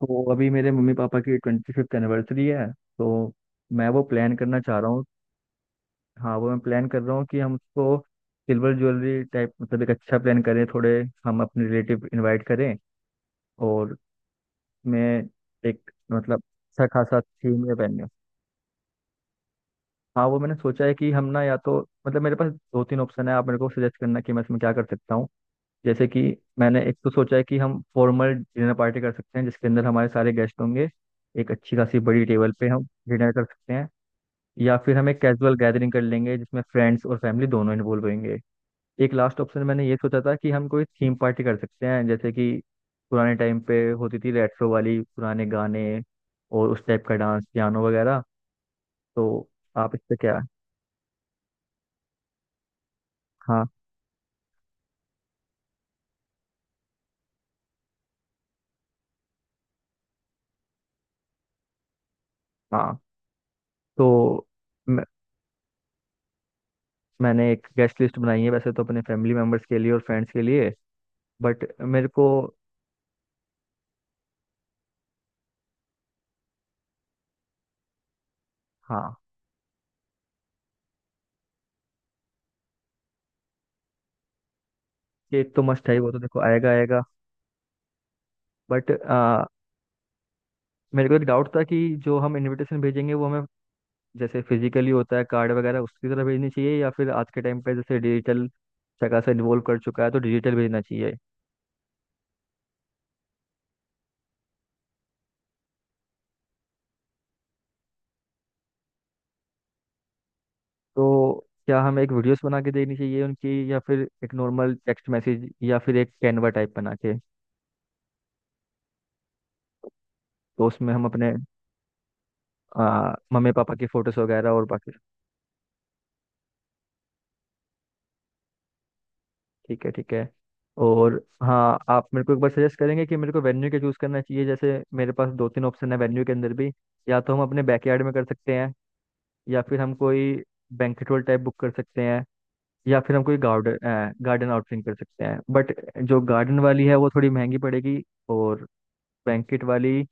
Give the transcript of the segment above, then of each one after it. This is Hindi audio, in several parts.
तो अभी मेरे मम्मी पापा की 25th एनिवर्सरी है। तो मैं वो प्लान करना चाह रहा हूँ। हाँ, वो मैं प्लान कर रहा हूँ कि हम उसको सिल्वर ज्वेलरी टाइप मतलब एक अच्छा प्लान करें, थोड़े हम अपने रिलेटिव इनवाइट करें, और मैं एक मतलब अच्छा खासा थीम में पहने। हाँ, वो मैंने सोचा है कि हम ना या तो मतलब मेरे पास दो तीन ऑप्शन है, आप मेरे को सजेस्ट करना कि मैं इसमें क्या कर सकता हूँ। जैसे कि मैंने एक तो सोचा है कि हम फॉर्मल डिनर पार्टी कर सकते हैं जिसके अंदर हमारे सारे गेस्ट होंगे, एक अच्छी खासी बड़ी टेबल पे हम डिनर कर सकते हैं। या फिर हम एक कैजुअल गैदरिंग कर लेंगे जिसमें फ्रेंड्स और फैमिली दोनों इन्वॉल्व होंगे। एक लास्ट ऑप्शन मैंने ये सोचा था कि हम कोई थीम पार्टी कर सकते हैं, जैसे कि पुराने टाइम पे होती थी रेट्रो वाली पुराने गाने, और उस टाइप का डांस पियानो वगैरह। तो आप इस पे क्या? हाँ, हाँ, तो मैं, मैंने एक गेस्ट लिस्ट बनाई है वैसे तो अपने फैमिली मेम्बर्स के लिए और फ्रेंड्स के लिए, बट मेरे को। हाँ, केक तो मस्ट है ही, वो तो देखो आएगा आएगा। बट मेरे को एक डाउट था कि जो हम इनविटेशन भेजेंगे वो हमें जैसे फिजिकली होता है कार्ड वगैरह उसकी तरह भेजनी चाहिए, या फिर आज के टाइम पे जैसे डिजिटल जगह से इन्वॉल्व कर चुका है तो डिजिटल भेजना चाहिए। तो क्या हमें एक वीडियोस बना के देनी चाहिए उनकी, या फिर एक नॉर्मल टेक्स्ट मैसेज, या फिर एक कैनवा टाइप बना के? तो उसमें हम अपने मम्मी पापा की फोटोज वगैरह और बाकी। ठीक है, ठीक है। और हाँ, आप मेरे को एक बार सजेस्ट करेंगे कि मेरे को वेन्यू क्या चूज़ करना चाहिए? जैसे मेरे पास दो तीन ऑप्शन है वेन्यू के अंदर भी। या तो हम अपने बैकयार्ड में कर सकते हैं, या फिर हम कोई बैंक्वेट हॉल टाइप बुक कर सकते हैं, या फिर हम कोई गार्डन गार्डन आउटफिटिंग कर सकते हैं, बट जो गार्डन वाली है वो थोड़ी महंगी पड़ेगी। और बैंकेट वाली,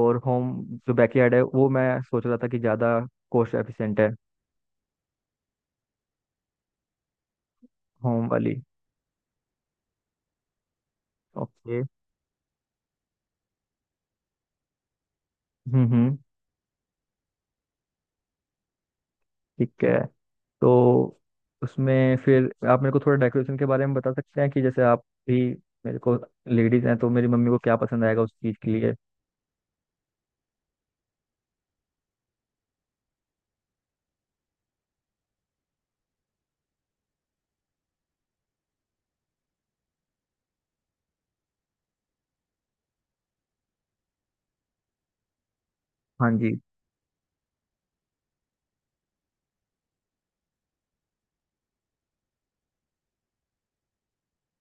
और होम, जो बैकयार्ड है वो मैं सोच रहा था कि ज़्यादा कॉस्ट एफिशिएंट है। होम वाली। ओके। Hmm, hmm. ठीक है। तो उसमें फिर आप मेरे को थोड़ा डेकोरेशन के बारे में बता सकते हैं कि जैसे आप भी मेरे को, लेडीज़ हैं तो मेरी मम्मी को क्या पसंद आएगा उस चीज़ के लिए। हाँ जी।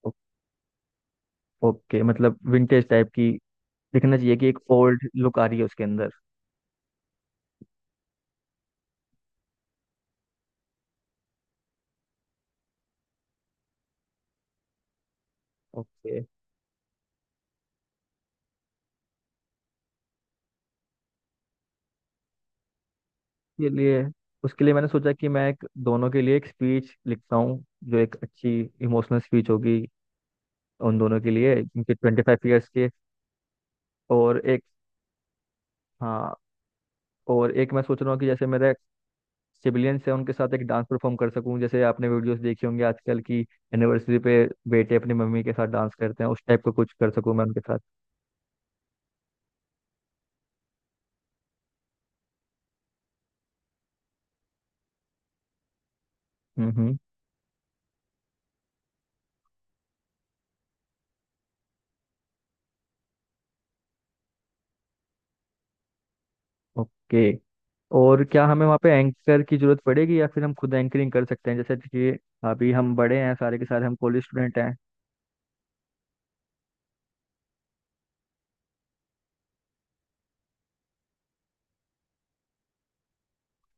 ओ- ओके, मतलब विंटेज टाइप की दिखना चाहिए, कि एक ओल्ड लुक आ रही है उसके अंदर। ओके। के लिए उसके लिए मैंने सोचा कि मैं एक, दोनों के लिए एक स्पीच लिखता हूँ, जो एक अच्छी इमोशनल स्पीच होगी उन दोनों के लिए, उनके 25 ईयर्स के। और एक, हाँ, और एक मैं सोच रहा हूँ कि जैसे मेरे सिबिलियंस हैं, उनके साथ एक डांस परफॉर्म कर सकूँ, जैसे आपने वीडियोस देखे होंगे आजकल की एनिवर्सरी पे बेटे अपनी मम्मी के साथ डांस करते हैं, उस टाइप का कुछ कर सकूँ मैं उनके साथ। हम्म, हम्म। ओके। और क्या हमें वहाँ पे एंकर की जरूरत पड़ेगी या फिर हम खुद एंकरिंग कर सकते हैं? जैसे कि अभी हम बड़े हैं सारे के सारे, हम कॉलेज स्टूडेंट हैं।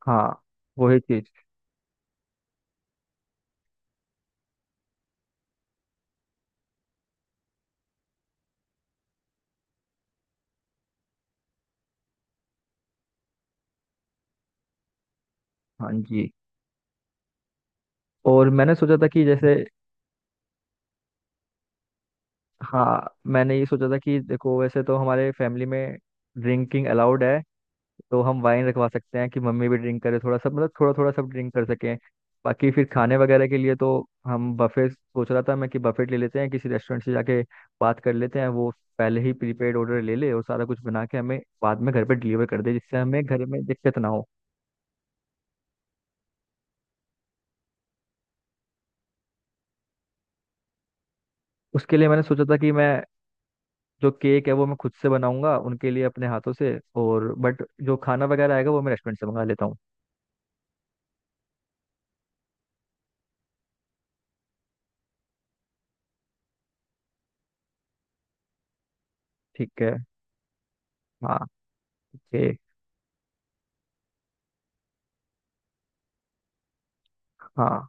हाँ, वही चीज। हाँ जी, और मैंने सोचा था कि जैसे, हाँ, मैंने ये सोचा था कि देखो वैसे तो हमारे फैमिली में ड्रिंकिंग अलाउड है, तो हम वाइन रखवा सकते हैं कि मम्मी भी ड्रिंक करे थोड़ा सा मतलब, थोड़ा थोड़ा सब ड्रिंक कर सकें। बाकी फिर खाने वगैरह के लिए तो हम बफे सोच रहा था मैं, कि बफेट ले लेते हैं किसी रेस्टोरेंट से, जाके बात कर लेते हैं, वो पहले ही प्रीपेड ऑर्डर ले ले और सारा कुछ बना के हमें बाद में घर पे डिलीवर कर दे, जिससे हमें घर में दिक्कत ना हो। उसके लिए मैंने सोचा था कि मैं जो केक है वो मैं खुद से बनाऊंगा उनके लिए अपने हाथों से, और बट जो खाना वगैरह आएगा वो मैं रेस्टोरेंट से मंगा लेता हूँ। ठीक है। हाँ। ओके। हाँ,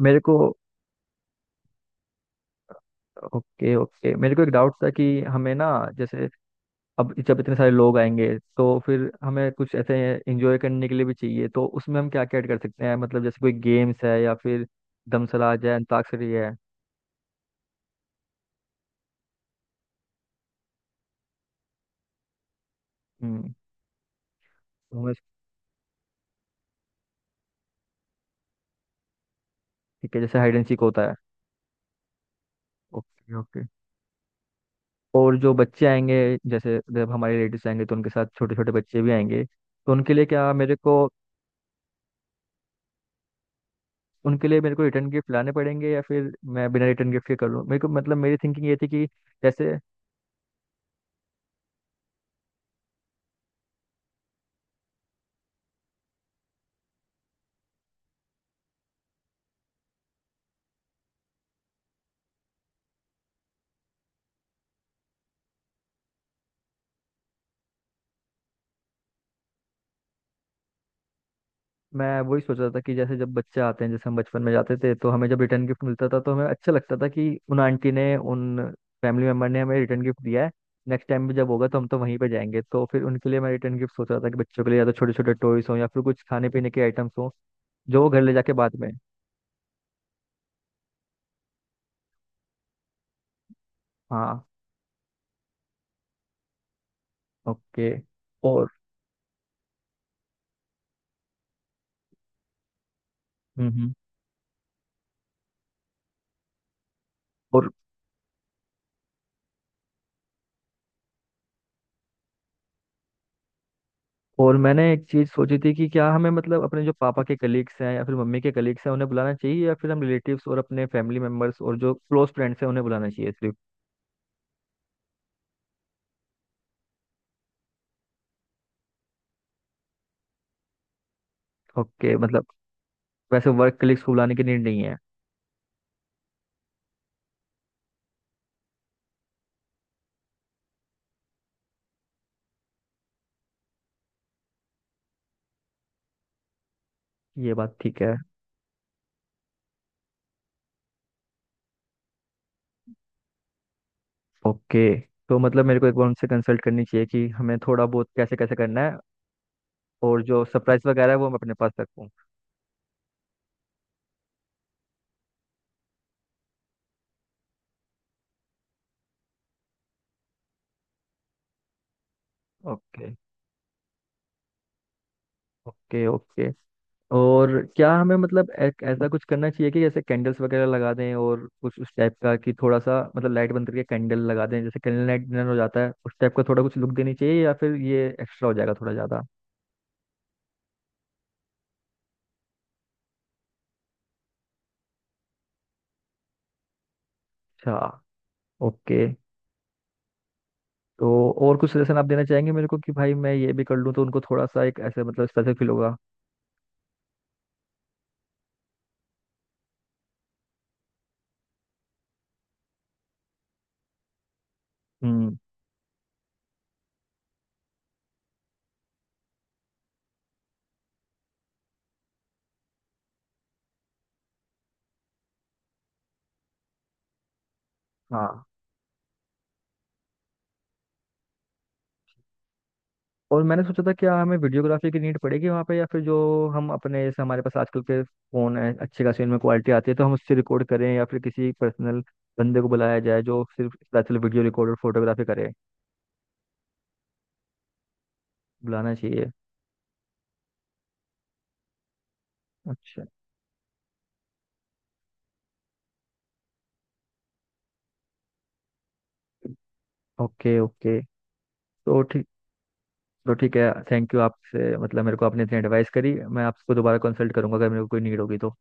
मेरे को ओके, ओके, मेरे को एक डाउट था कि हमें ना, जैसे, अब जब इतने सारे लोग आएंगे, तो फिर हमें कुछ ऐसे एंजॉय करने के लिए भी चाहिए, तो उसमें हम क्या क्या ऐड कर सकते हैं, मतलब जैसे कोई गेम्स है या फिर दमसलाज है, अंताक्षरी है। हम्म। तो हमें, ठीक है, जैसे हाइड एंड सीक होता है। ओके। और जो बच्चे आएंगे, जैसे जब हमारे रिलेटिव्स आएंगे तो उनके साथ छोटे छोटे बच्चे भी आएंगे, तो उनके लिए क्या मेरे को, उनके लिए मेरे को रिटर्न गिफ्ट लाने पड़ेंगे या फिर मैं बिना रिटर्न गिफ्ट के कर लूँ? मेरे को मतलब मेरी थिंकिंग ये थी कि, जैसे, मैं वही सोच रहा था कि जैसे जब बच्चे आते हैं, जैसे हम बचपन में जाते थे तो हमें जब रिटर्न गिफ्ट मिलता था तो हमें अच्छा लगता था कि उन आंटी ने, उन फैमिली मेम्बर ने हमें रिटर्न गिफ्ट दिया है। नेक्स्ट टाइम भी जब होगा तो हम तो वहीं पे जाएंगे। तो फिर उनके लिए मैं रिटर्न गिफ्ट सोच रहा था कि बच्चों के लिए या तो छोटे छोटे टॉयस हों या फिर कुछ खाने पीने के आइटम्स हों जो वो घर ले जाके बाद में। हाँ। ओके। और हम्म, और और मैंने एक चीज सोची थी कि क्या हमें मतलब अपने जो पापा के कलीग्स हैं या फिर मम्मी के कलीग्स हैं उन्हें बुलाना चाहिए, या फिर हम रिलेटिव्स और अपने फैमिली मेंबर्स और जो क्लोज फ्रेंड्स हैं उन्हें बुलाना चाहिए सिर्फ? ओके, मतलब वैसे वर्क कलीग्स को बुलाने की नीड नहीं है। ये बात ठीक है। ओके, तो मतलब मेरे को एक बार उनसे कंसल्ट करनी चाहिए कि हमें थोड़ा बहुत कैसे कैसे करना है, और जो सरप्राइज वगैरह है वो मैं अपने पास रखूँ। Okay, okay, okay. और क्या हमें मतलब एक ऐसा कुछ करना चाहिए कि जैसे कैंडल्स वगैरह लगा दें, और कुछ उस टाइप का कि थोड़ा सा मतलब लाइट बंद करके कैंडल लगा दें, जैसे कैंडल लाइट डिनर हो जाता है उस टाइप का थोड़ा कुछ लुक देनी चाहिए, या फिर ये एक्स्ट्रा हो जाएगा थोड़ा ज़्यादा? अच्छा। ओके। तो और कुछ सजेशन आप देना चाहेंगे मेरे को कि भाई मैं ये भी कर लूँ तो उनको थोड़ा सा एक ऐसे मतलब स्पेशल फील होगा? हम्म। हाँ, और मैंने सोचा था क्या हमें वीडियोग्राफी की नीड पड़ेगी वहाँ पे, या फिर जो हम अपने जैसे हमारे पास आजकल के फ़ोन है अच्छे खासी उनमें क्वालिटी आती है तो हम उससे रिकॉर्ड करें, या फिर किसी पर्सनल बंदे को बुलाया जाए जो सिर्फ दरअसल वीडियो रिकॉर्ड और फोटोग्राफी करे? बुलाना चाहिए। अच्छा। Okay, okay. तो ठीक, तो ठीक है। थैंक यू आपसे, मतलब मेरे को आपने इतनी एडवाइस करी। मैं आपको दोबारा कंसल्ट करूंगा अगर मेरे को कोई नीड होगी तो।